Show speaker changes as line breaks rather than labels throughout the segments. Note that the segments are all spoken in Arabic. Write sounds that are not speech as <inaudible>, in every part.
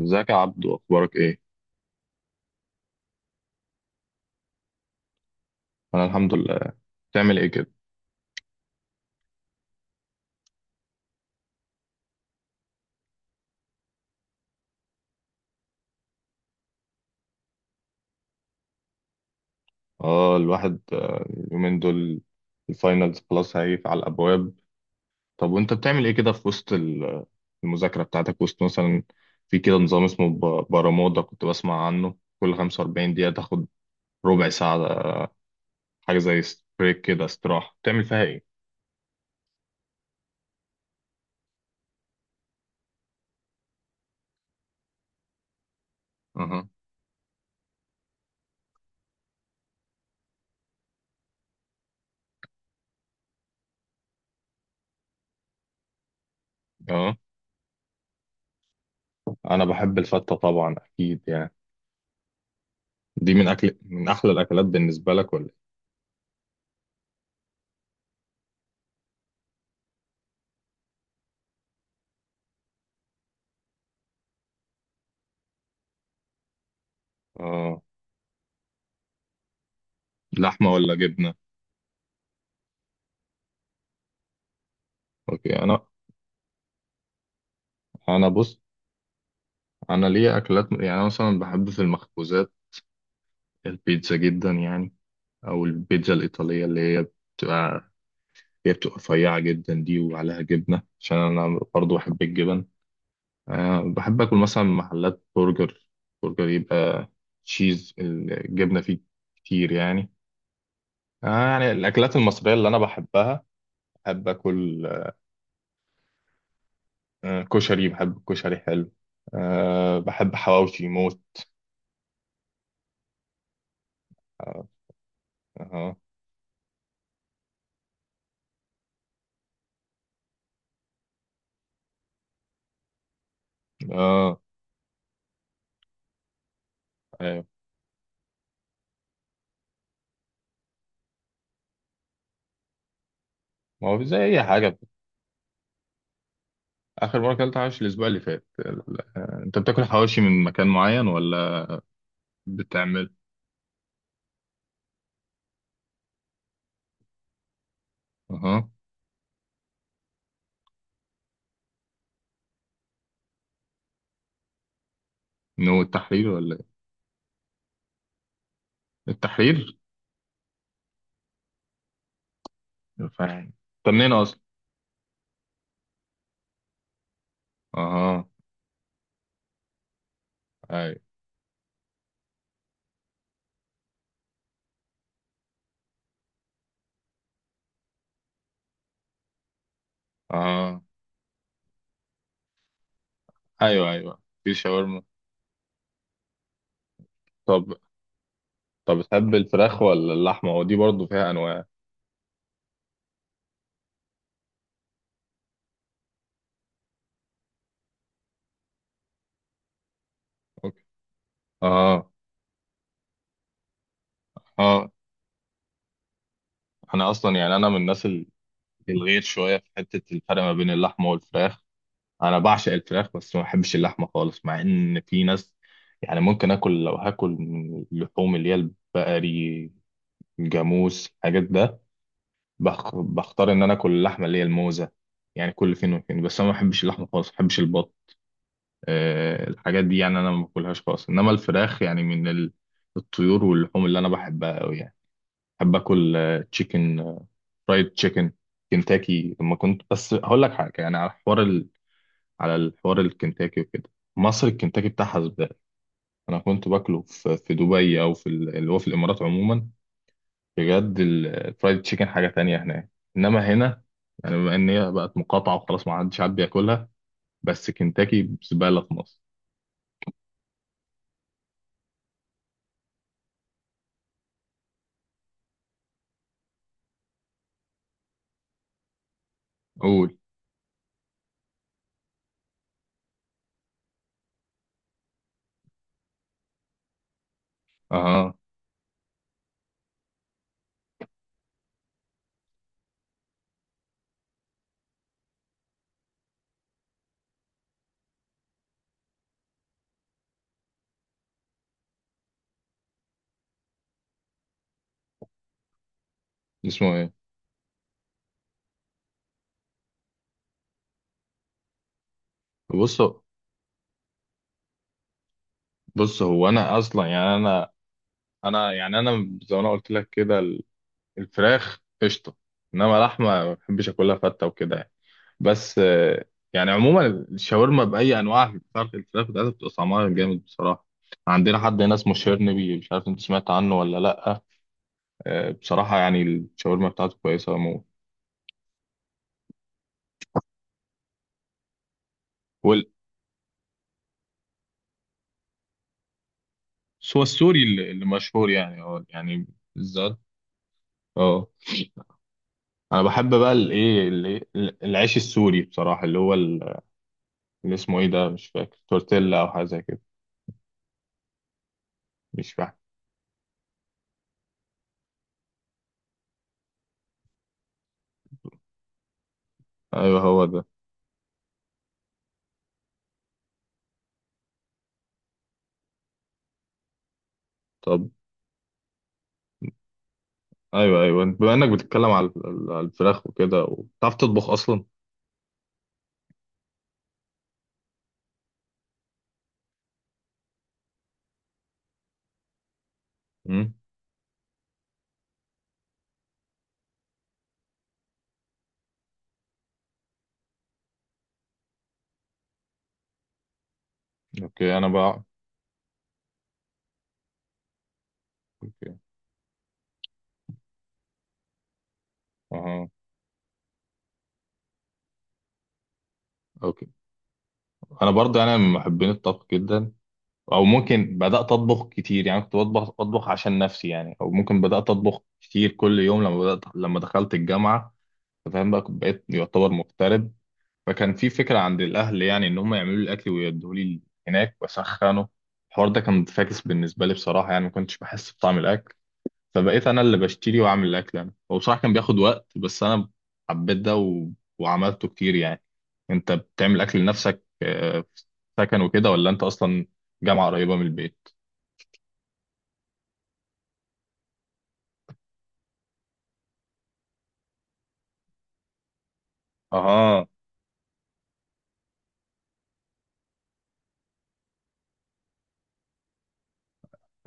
ازيك يا عبدو اخبارك ايه؟ انا الحمد لله. بتعمل ايه كده؟ اه الواحد اليومين دول الفاينلز خلاص هيقف على الابواب. طب وانت بتعمل ايه كده في وسط المذاكره بتاعتك؟ وسط مثلا في كده نظام اسمه برمودا كنت بسمع عنه، كل 45 دقيقه تاخد ربع ساعه، حاجه زي بريك كده، استراحه بتعمل فيها ايه؟ اها، اه انا بحب الفته طبعا اكيد يعني، دي من اكل من احلى الاكلات بالنسبه لك ولا إيه؟ اه، لحمه ولا جبنه؟ اوكي. انا بص، انا ليا اكلات يعني أنا مثلا بحب في المخبوزات البيتزا جدا يعني، او البيتزا الايطاليه اللي هي بتبقى، هي بتبقى رفيعه جدا دي وعليها جبنه عشان انا برضو بحب الجبن. أه بحب اكل مثلا من محلات برجر، برجر يبقى تشيز الجبنه فيه كتير يعني. أه يعني الاكلات المصريه اللي انا بحبها، بحب اكل أه كشري، بحب الكشري حلو. أه بحب حواوشي موت. أه، أه، آه، أيوة. ما هو زي أي حاجة. اخر مره اكلت حواوشي الاسبوع اللي فات انت بتاكل حواوشي من مكان معين ولا بتعمل؟ اها. من هو التحرير ولا إيه؟ التحرير. فاهم. طب منين اصلا؟ اها. ايوه. اها. ايوه ايوه في شاورما. طب، طب بتحب الفراخ ولا اللحمه؟ ودي برضو فيها انواع. اوكي. اه، اه انا اصلا يعني انا من الناس الغير شويه في حته الفرق ما بين اللحمه والفراخ. انا بعشق الفراخ بس ما بحبش اللحمه خالص، مع ان في ناس، يعني ممكن اكل لو هاكل من اللحوم اللي هي البقري الجاموس الحاجات ده، بختار ان انا اكل اللحمه اللي هي الموزه يعني، كل فين وفين. بس انا ما بحبش اللحمه خالص، ما بحبش البط، أه الحاجات دي يعني انا ما باكلهاش خالص. انما الفراخ يعني من الطيور واللحوم اللي انا بحبها قوي يعني، بحب اكل تشيكن، فرايد تشيكن، كنتاكي لما كنت، بس هقول لك حاجه يعني على حوار، على الحوار الكنتاكي وكده، مصر الكنتاكي بتاعها زبالة. أنا كنت باكله في في دبي أو في اللي هو في الإمارات عموما، بجد الفرايد تشيكن حاجة تانية هناك. إنما هنا يعني بما إن هي بقت مقاطعة وخلاص ما عادش حد بياكلها، بس كنتاكي زبالة في مصر. قول. أها. اسمه إيه؟ بص، بص هو أنا أصلا يعني أنا، أنا يعني أنا زي ما أنا قلت لك كده الفراخ قشطة. إنما لحمة ما بحبش آكلها فتة وكده يعني. بس يعني عموما الشاورما باي انواعها بتاعت الفراخ بتاعتها بتبقى طعمها جامد بصراحه. عندنا حد هنا اسمه شيرنبي، مش عارف انت سمعت عنه ولا لا، بصراحه يعني الشاورما بتاعته كويسه موت. والسوى السوري اللي مشهور يعني اه يعني بالذات. اه انا بحب بقى الايه العيش السوري بصراحه اللي هو اللي اسمه ايه ده، مش فاكر، تورتيلا او حاجه زي كده. مش فاكر. ايوه هو ده. طب. ايوه ايوه، بما انك بتتكلم على على الفراخ وكده، وبتعرف تطبخ اصلا. اوكي. انا بقى، اوكي، اها، اوكي. انا برضه انا من محبين الطبخ جدا. او ممكن بدات اطبخ كتير يعني، كنت بطبخ اطبخ عشان نفسي يعني، او ممكن بدات اطبخ كتير كل يوم لما بدات لما دخلت الجامعه، فاهم بقى، كنت بقيت يعتبر مغترب، فكان في فكره عند الاهل يعني ان هم يعملوا لي الاكل ويدوه لي هناك واسخنه. الحوار ده كان فاكس بالنسبه لي بصراحه، يعني ما كنتش بحس بطعم الاكل، فبقيت انا اللي بشتري واعمل الاكل انا. هو بصراحه كان بياخد وقت، بس انا حبيت ده و... وعملته كتير يعني. انت بتعمل اكل لنفسك في سكن وكده ولا انت اصلا جامعه قريبه من البيت؟ اها.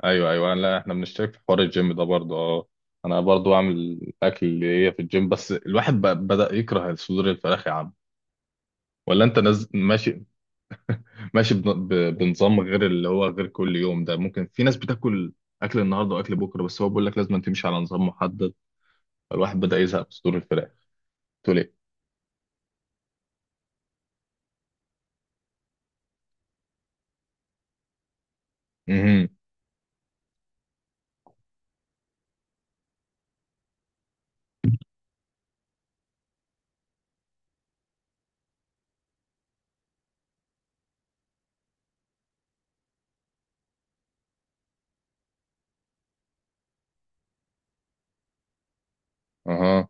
ايوه ايوه، لا احنا بنشترك في حوار الجيم ده برضه اه. انا برضه بعمل الاكل اللي هي في الجيم، بس الواحد بقى بدأ يكره صدور الفراخ يا عم. ولا انت نز... ماشي. ماشي بن... ب... بنظام غير اللي هو غير كل يوم ده، ممكن في ناس بتاكل اكل النهارده واكل بكره، بس هو بيقول لك لازم تمشي على نظام محدد. الواحد بدأ يزهق من صدور الفراخ. قلت له ايه؟ اها. اها.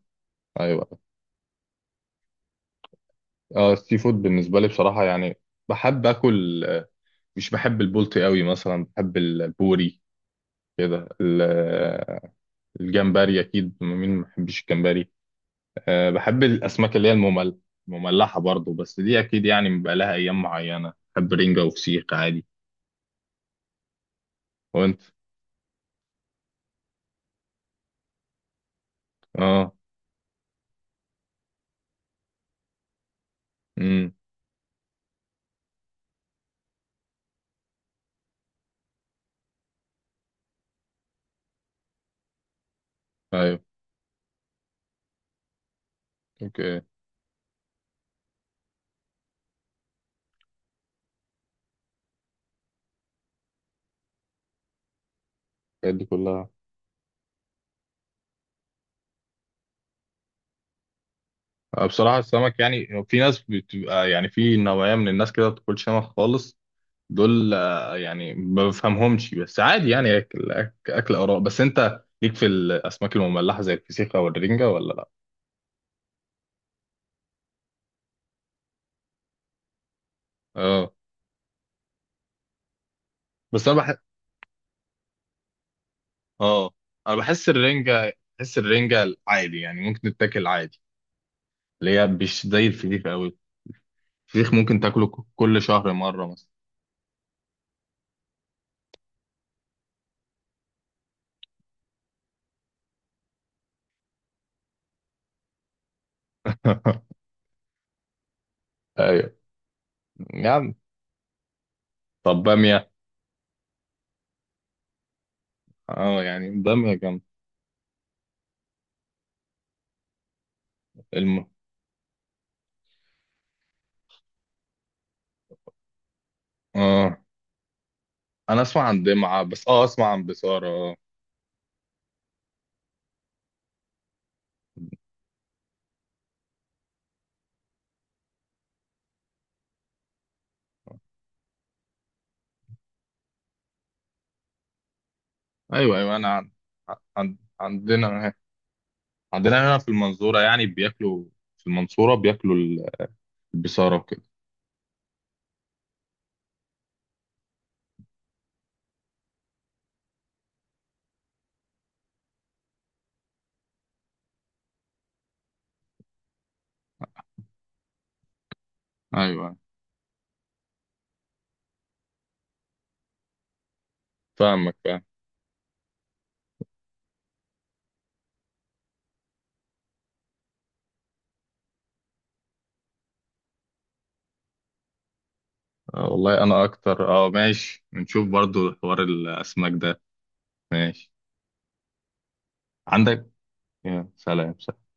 ايوه. اه السي فود بالنسبه لي بصراحه يعني بحب اكل مش بحب البلطي قوي مثلا، بحب البوري كده الجمبري اكيد، مين ما بيحبش الجمبري. أه بحب الاسماك اللي هي الممل، مملحه برضو، بس دي اكيد يعني بيبقى لها ايام معينه، بحب رنجه وفسيخ عادي. وانت؟ اه. امم. ايوه. اوكي. الحاجات دي كلها، بصراحة السمك يعني في ناس بتبقى يعني في نوعية من الناس كده ما بتاكلش سمك خالص، دول يعني ما بفهمهمش، بس عادي يعني أكل، أكل آراء. بس أنت ليك في الأسماك المملحة زي الفسيخ أو الرنجة ولا لأ؟ أه، بس أنا بحس، أه أنا بحس الرنجة، بحس الرنجة عادي يعني ممكن تتاكل عادي، اللي هي مش زي الفسيخ أوي. الفسيخ ممكن تاكله كل شهر مرة مثلا. <laughs> أيوه. يعني طب بامية؟ أه يعني بامية جامدة. الم... اه انا اسمع عن دمعة بس، اه اسمع عن بصارة اه. ايوه ايوه، انا عن... عن... عندنا، عندنا هنا في المنصورة يعني بياكلوا، في المنصورة بياكلوا البصارة وكده. ايوه. فاهمك، فاهم. آه والله انا اكتر، اه ماشي نشوف برضو حوار الاسماك ده. ماشي. عندك. يا سلام.